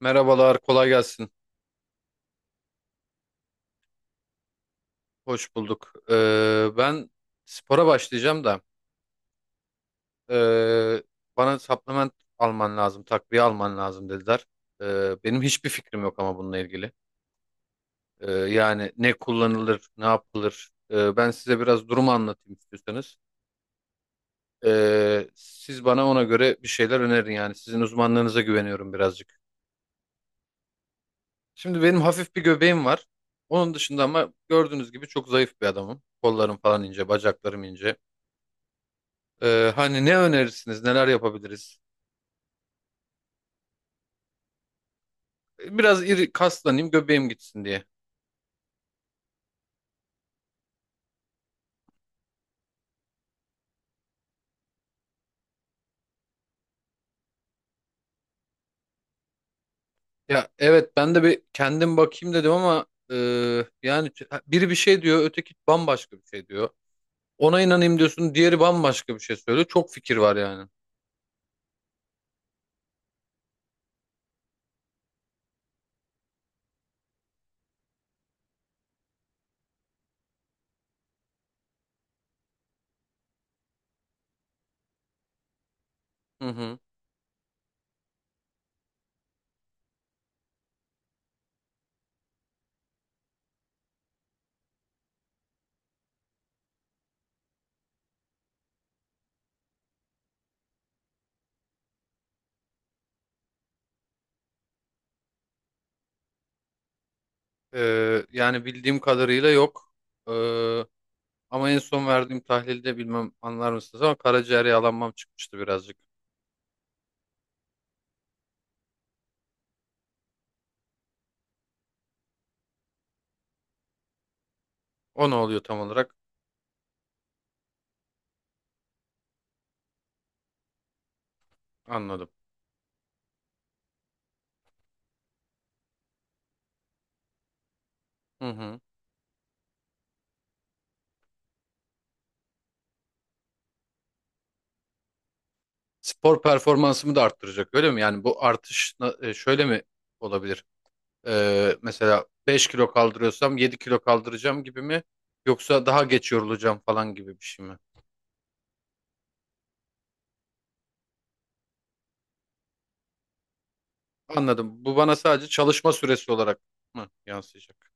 Merhabalar, kolay gelsin. Hoş bulduk. Ben spora başlayacağım da ee, bana supplement alman lazım, takviye alman lazım dediler. Benim hiçbir fikrim yok ama bununla ilgili. Yani ne kullanılır, ne yapılır. Ben size biraz durumu anlatayım istiyorsanız. Siz bana ona göre bir şeyler önerin yani. Sizin uzmanlığınıza güveniyorum birazcık. Şimdi benim hafif bir göbeğim var. Onun dışında ama gördüğünüz gibi çok zayıf bir adamım. Kollarım falan ince, bacaklarım ince. Hani ne önerirsiniz, neler yapabiliriz? Biraz iri kaslanayım, göbeğim gitsin diye. Ya evet ben de bir kendim bakayım dedim ama yani biri bir şey diyor, öteki bambaşka bir şey diyor. Ona inanayım diyorsun, diğeri bambaşka bir şey söylüyor. Çok fikir var yani. Hı hı. Yani bildiğim kadarıyla yok. Ee, ama en son verdiğim tahlilde bilmem anlar mısınız ama karaciğer yağlanmam çıkmıştı birazcık. O ne oluyor tam olarak? Anladım. Hı hı. Spor performansımı da arttıracak öyle mi? Yani bu artış şöyle mi olabilir? Mesela 5 kilo kaldırıyorsam 7 kilo kaldıracağım gibi mi? Yoksa daha geç yorulacağım falan gibi bir şey mi? Anladım. Bu bana sadece çalışma süresi olarak mı yansıyacak?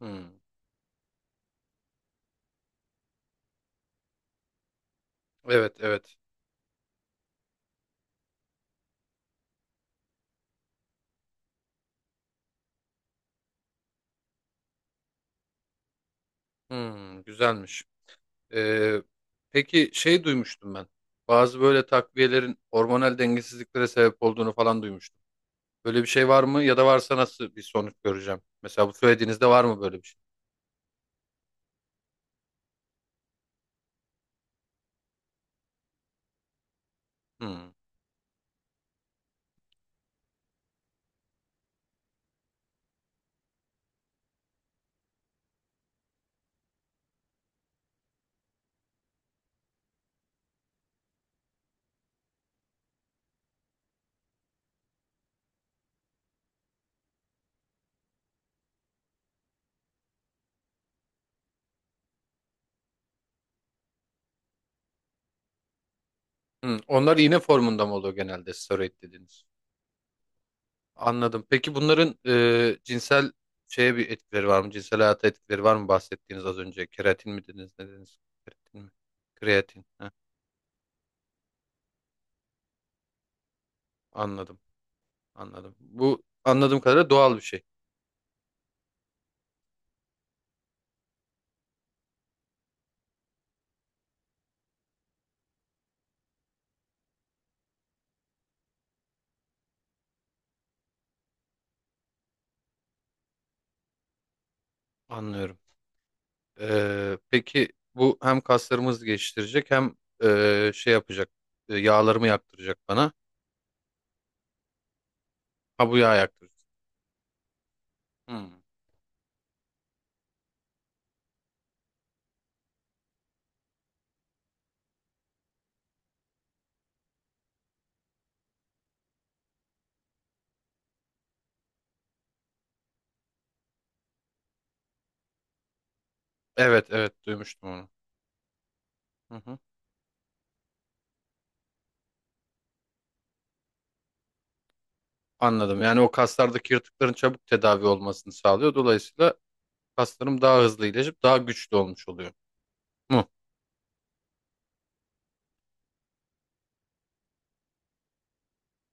Hmm. Evet evet. Hmm, güzelmiş. Ee, peki şey duymuştum ben. Bazı böyle takviyelerin hormonal dengesizliklere sebep olduğunu falan duymuştum. Böyle bir şey var mı ya da varsa nasıl bir sonuç göreceğim? Mesela bu söylediğinizde var mı böyle bir şey? Hmm. Hmm. Onlar iğne formunda mı oluyor genelde steroid dediğiniz? Anladım. Peki bunların cinsel şeye bir etkileri var mı? Cinsel hayata etkileri var mı bahsettiğiniz az önce? Keratin mi dediniz? Ne dediniz? Keratin mi? Kreatin. Heh, anladım. Anladım. Bu anladığım kadarıyla doğal bir şey. Anlıyorum. Peki bu hem kaslarımızı geliştirecek hem şey yapacak. Yağlarımı yaktıracak bana. Ha bu yağ yaktıracak. Hmm. Evet evet duymuştum onu. Hı hı. Anladım. Yani o kaslardaki yırtıkların çabuk tedavi olmasını sağlıyor. Dolayısıyla kaslarım daha hızlı iyileşip daha güçlü olmuş oluyor. Mu?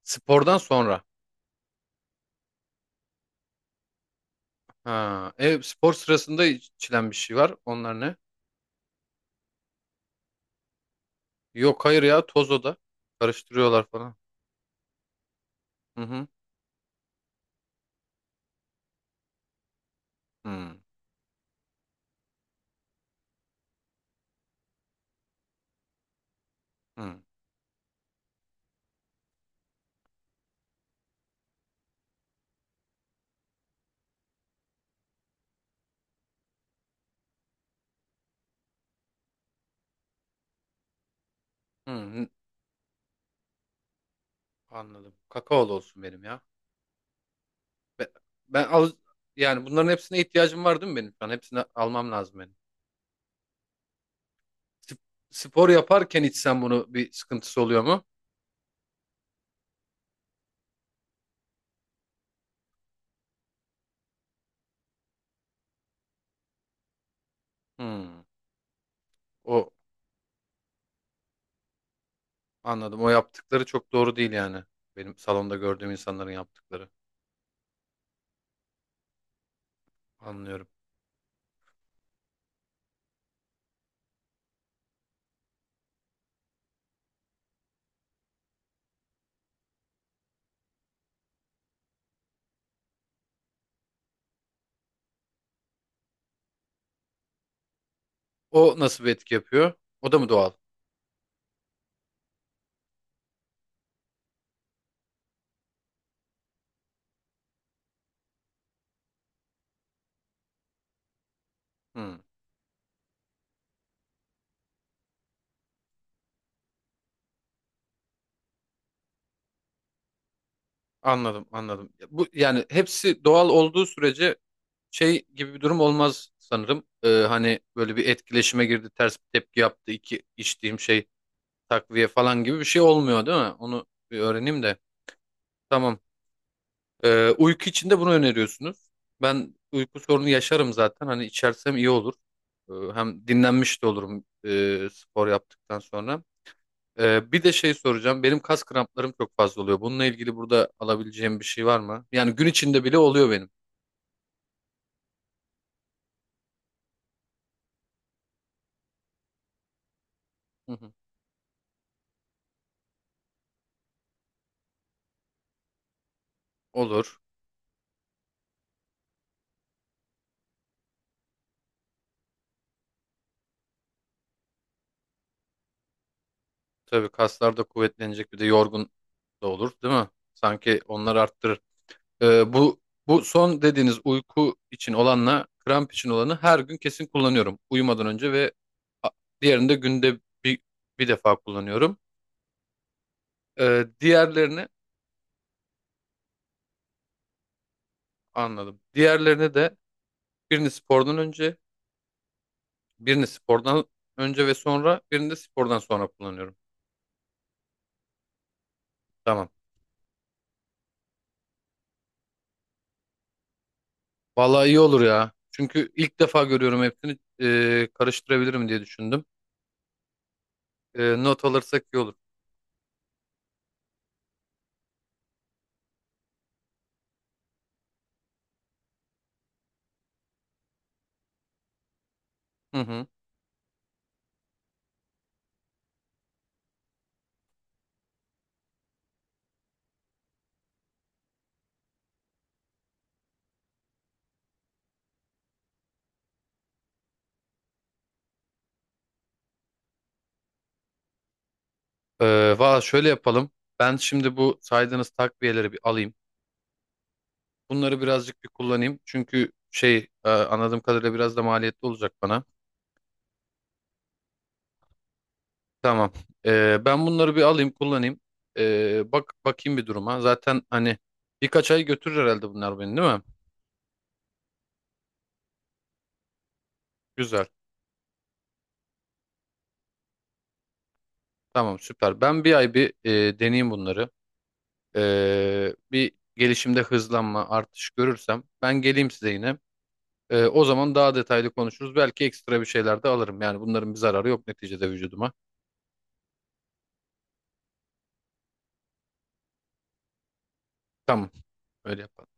Spordan sonra. Ha, spor sırasında içilen bir şey var. Onlar ne? Yok hayır ya toz o da. Karıştırıyorlar falan. Hı hı. Hı hı. Hı. Anladım. Kakaolu olsun benim ya. Be- Ben, yani bunların hepsine ihtiyacım var değil mi benim? Ben hepsini almam lazım benim. Sp- Spor yaparken içsem bunu bir sıkıntısı oluyor mu? Hı. O Anladım. O yaptıkları çok doğru değil yani. Benim salonda gördüğüm insanların yaptıkları. Anlıyorum. O nasıl bir etki yapıyor? O da mı doğal? Hmm. Anladım, anladım. Ya bu yani hepsi doğal olduğu sürece şey gibi bir durum olmaz sanırım. Hani böyle bir etkileşime girdi, ters bir tepki yaptı, iki içtiğim şey takviye falan gibi bir şey olmuyor değil mi? Onu bir öğreneyim de. Tamam. Uyku için de bunu öneriyorsunuz. Ben uyku sorunu yaşarım zaten. Hani içersem iyi olur. Hem dinlenmiş de olurum spor yaptıktan sonra. Bir de şey soracağım. Benim kas kramplarım çok fazla oluyor. Bununla ilgili burada alabileceğim bir şey var mı? Yani gün içinde bile oluyor benim. Hı hı. Olur. Tabii kaslar da kuvvetlenecek bir de yorgun da olur, değil mi? Sanki onlar arttırır. Ee, bu bu son dediğiniz uyku için olanla kramp için olanı her gün kesin kullanıyorum. Uyumadan önce ve a- diğerini de günde bir, bir defa kullanıyorum. Diğerlerini anladım. Diğerlerini de birini spordan önce, birini spordan önce ve sonra, birini de spordan sonra kullanıyorum. Tamam. Vallahi iyi olur ya. Çünkü ilk defa görüyorum hepsini karıştırabilirim diye düşündüm. Not alırsak iyi olur. Hı hı. Valla şöyle yapalım. Ben şimdi bu saydığınız takviyeleri bir alayım. Bunları birazcık bir kullanayım. Çünkü şey anladığım kadarıyla biraz da maliyetli olacak bana. Tamam. Ben bunları bir alayım kullanayım. Bak bakayım bir duruma. Zaten hani birkaç ay götürür herhalde bunlar beni değil mi? Güzel. Tamam süper. Ben bir ay bir deneyeyim bunları. Bir gelişimde hızlanma artış görürsem ben geleyim size yine. O zaman daha detaylı konuşuruz. Belki ekstra bir şeyler de alırım. Yani bunların bir zararı yok neticede vücuduma. Tamam öyle yapalım.